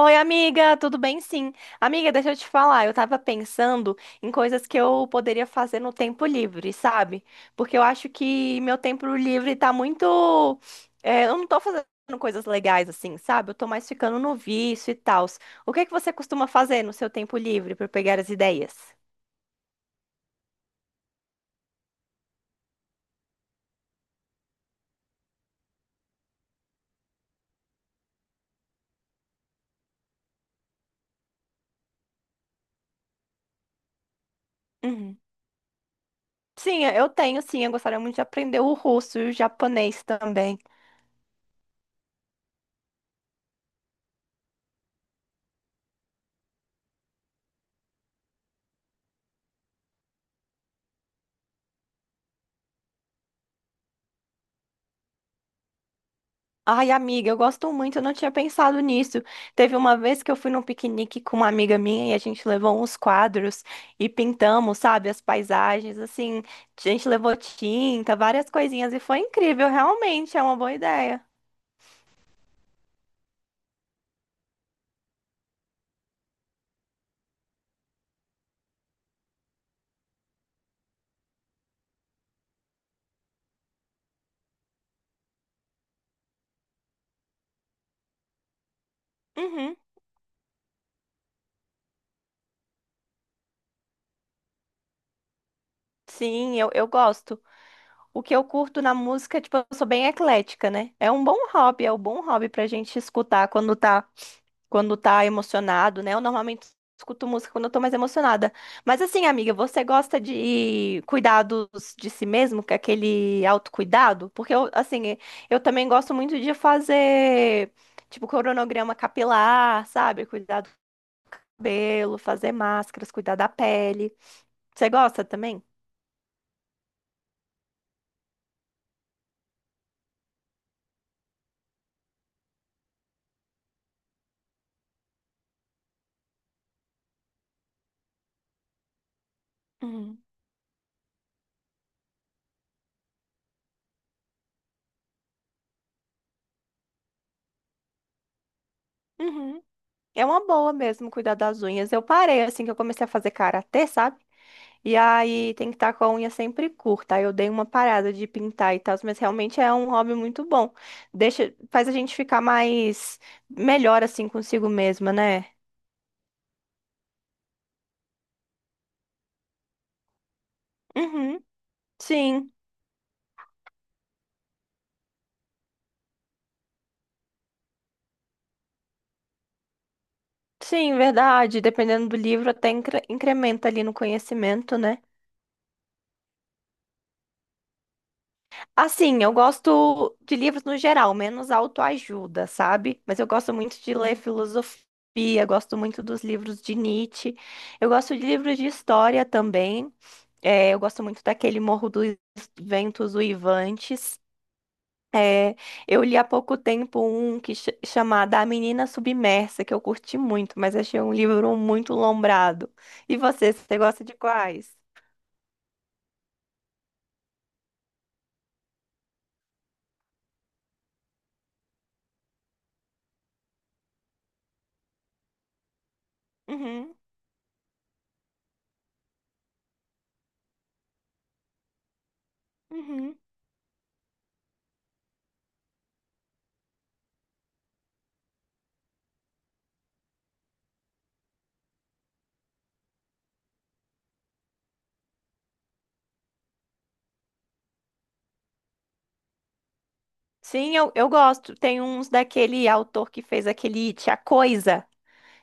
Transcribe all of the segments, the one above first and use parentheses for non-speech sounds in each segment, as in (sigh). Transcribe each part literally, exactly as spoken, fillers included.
Oi, amiga, tudo bem? Sim. Amiga, deixa eu te falar, eu tava pensando em coisas que eu poderia fazer no tempo livre, sabe? Porque eu acho que meu tempo livre tá muito. é, Eu não tô fazendo coisas legais assim, sabe? Eu tô mais ficando no vício e tal. O que é que você costuma fazer no seu tempo livre pra eu pegar as ideias? Uhum. Sim, eu tenho, sim. Eu gostaria muito de aprender o russo e o japonês também. Ai, amiga, eu gosto muito, eu não tinha pensado nisso. Teve uma vez que eu fui num piquenique com uma amiga minha e a gente levou uns quadros e pintamos, sabe, as paisagens, assim, a gente levou tinta, várias coisinhas e foi incrível, realmente, é uma boa ideia. Uhum. Sim, eu, eu gosto. O que eu curto na música, tipo, eu sou bem eclética, né? É um bom hobby, é um bom hobby pra gente escutar quando tá quando tá emocionado, né? Eu normalmente escuto música quando eu tô mais emocionada. Mas assim, amiga, você gosta de cuidados de si mesmo, que é aquele autocuidado? Porque eu, assim, eu também gosto muito de fazer, tipo, cronograma capilar, sabe? Cuidar do cabelo, fazer máscaras, cuidar da pele. Você gosta também? Uhum. Uhum. É uma boa mesmo cuidar das unhas. Eu parei assim que eu comecei a fazer karatê, sabe? E aí tem que estar com a unha sempre curta. Aí eu dei uma parada de pintar e tal, mas realmente é um hobby muito bom. Deixa, faz a gente ficar mais melhor assim consigo mesma, né? Uhum. Sim, sim, verdade. Dependendo do livro, até incre- incrementa ali no conhecimento, né? Assim, eu gosto de livros no geral, menos autoajuda, sabe? Mas eu gosto muito de ler filosofia, gosto muito dos livros de Nietzsche. Eu gosto de livros de história também. É, eu gosto muito daquele Morro dos Ventos Uivantes. É, eu li há pouco tempo um que ch chamado A Menina Submersa, que eu curti muito, mas achei um livro muito lombrado. E você, você gosta de quais? Uhum, uhum. Sim, eu, eu gosto. Tem uns daquele autor que fez aquele It, A Coisa,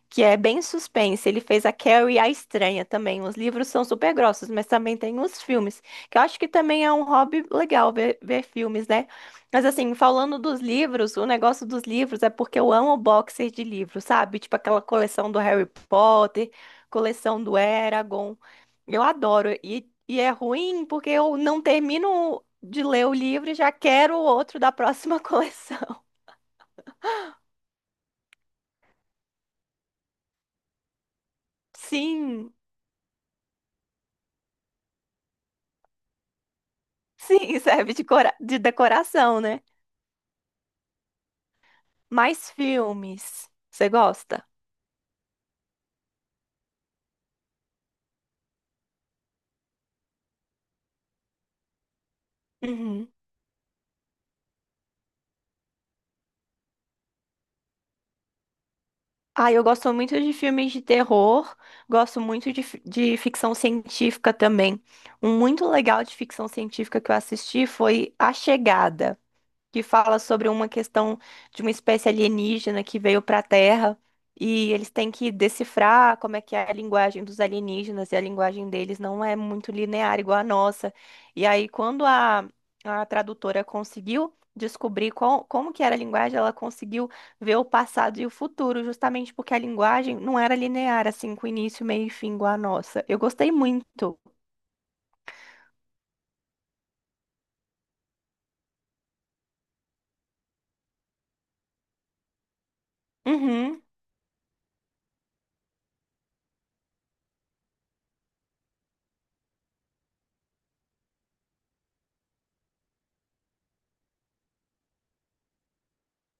que é bem suspense. Ele fez a Carrie a Estranha também. Os livros são super grossos, mas também tem os filmes, que eu acho que também é um hobby legal ver, ver filmes, né? Mas assim, falando dos livros, o negócio dos livros é porque eu amo boxer de livros, sabe? Tipo aquela coleção do Harry Potter, coleção do Eragon. Eu adoro. E, e é ruim porque eu não termino de ler o livro e já quero o outro da próxima (laughs) coleção. Sim, sim, serve de, cora- de decoração, né? Mais filmes. Você gosta? Uhum. Ah, eu gosto muito de filmes de terror, gosto muito de, fi- de ficção científica também. Um muito legal de ficção científica que eu assisti foi A Chegada, que fala sobre uma questão de uma espécie alienígena que veio para a Terra e eles têm que decifrar como é que é a linguagem dos alienígenas e a linguagem deles não é muito linear igual a nossa. E aí, quando a, a tradutora conseguiu descobrir qual, como que era a linguagem, ela conseguiu ver o passado e o futuro, justamente porque a linguagem não era linear, assim, com início, meio e fim igual a nossa. Eu gostei muito. Uhum,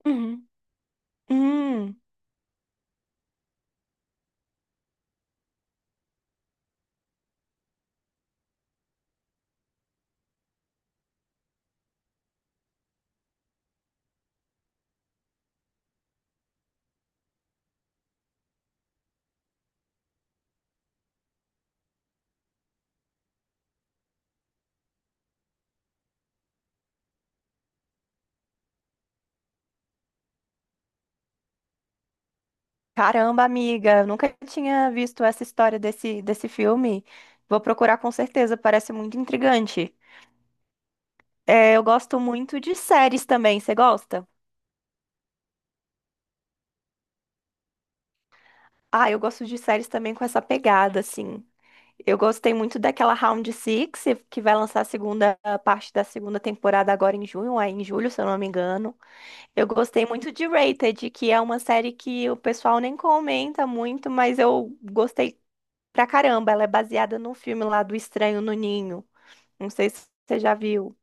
uhum. Hum. Caramba, amiga, eu nunca tinha visto essa história desse, desse filme. Vou procurar com certeza, parece muito intrigante. É, eu gosto muito de séries também, você gosta? Ah, eu gosto de séries também com essa pegada, assim. Eu gostei muito daquela Round Six, que vai lançar a segunda, a parte da segunda temporada agora em junho, aí em julho, se eu não me engano. Eu gostei muito de Rated, que é uma série que o pessoal nem comenta muito, mas eu gostei pra caramba. Ela é baseada num filme lá do Estranho no Ninho. Não sei se você já viu.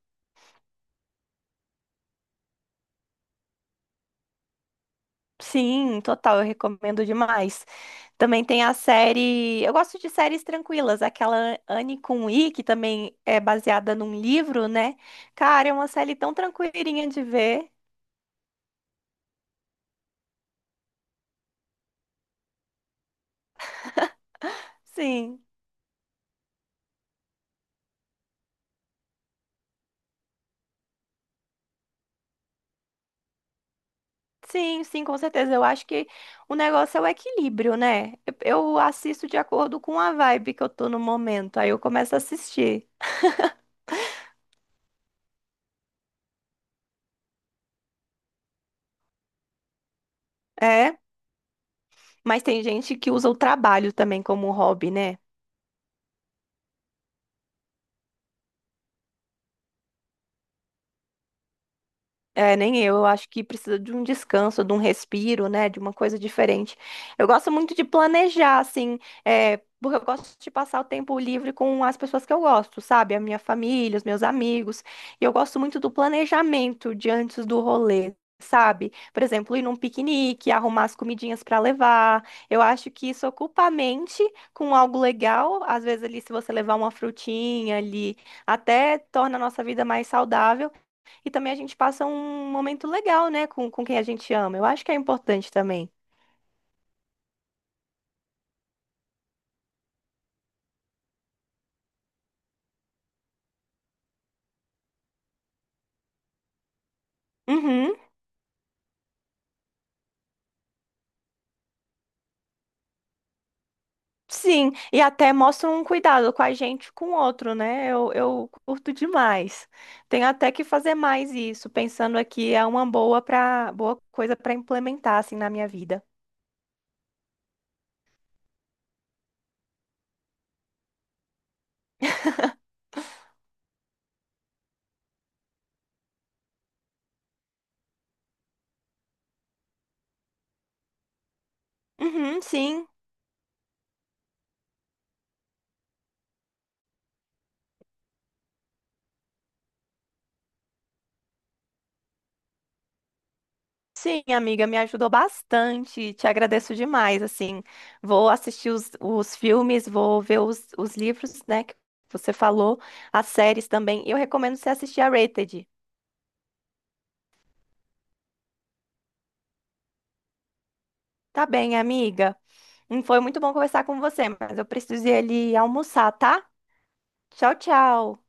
Sim, total, eu recomendo demais. Também tem a série. Eu gosto de séries tranquilas, aquela Anne com I, que também é baseada num livro, né? Cara, é uma série tão tranquilinha de ver. Sim, sim, sim, com certeza. Eu acho que o negócio é o equilíbrio, né? Eu eu assisto de acordo com a vibe que eu tô no momento, aí eu começo a assistir. É, mas tem gente que usa o trabalho também como hobby, né? É, nem eu, eu acho que precisa de um descanso, de um respiro, né, de uma coisa diferente. Eu gosto muito de planejar, assim, é, porque eu gosto de passar o tempo livre com as pessoas que eu gosto, sabe? A minha família, os meus amigos. E eu gosto muito do planejamento de antes do rolê. Sabe? Por exemplo, ir num piquenique, arrumar as comidinhas para levar. Eu acho que isso ocupa a mente com algo legal. Às vezes, ali, se você levar uma frutinha ali, até torna a nossa vida mais saudável. E também a gente passa um momento legal, né, com, com quem a gente ama. Eu acho que é importante também. Uhum, sim. E até mostra um cuidado com a gente, com o outro, né? Eu, eu curto demais. Tenho até que fazer mais isso, pensando aqui é uma boa para boa coisa para implementar assim na minha vida. Uhum, sim. Sim, amiga, me ajudou bastante. Te agradeço demais. Assim, vou assistir os, os filmes, vou ver os, os livros, né, que você falou, as séries também. E eu recomendo você assistir a Rated. Tá bem, amiga. Hum, Foi muito bom conversar com você, mas eu preciso ir ali almoçar, tá? Tchau, tchau.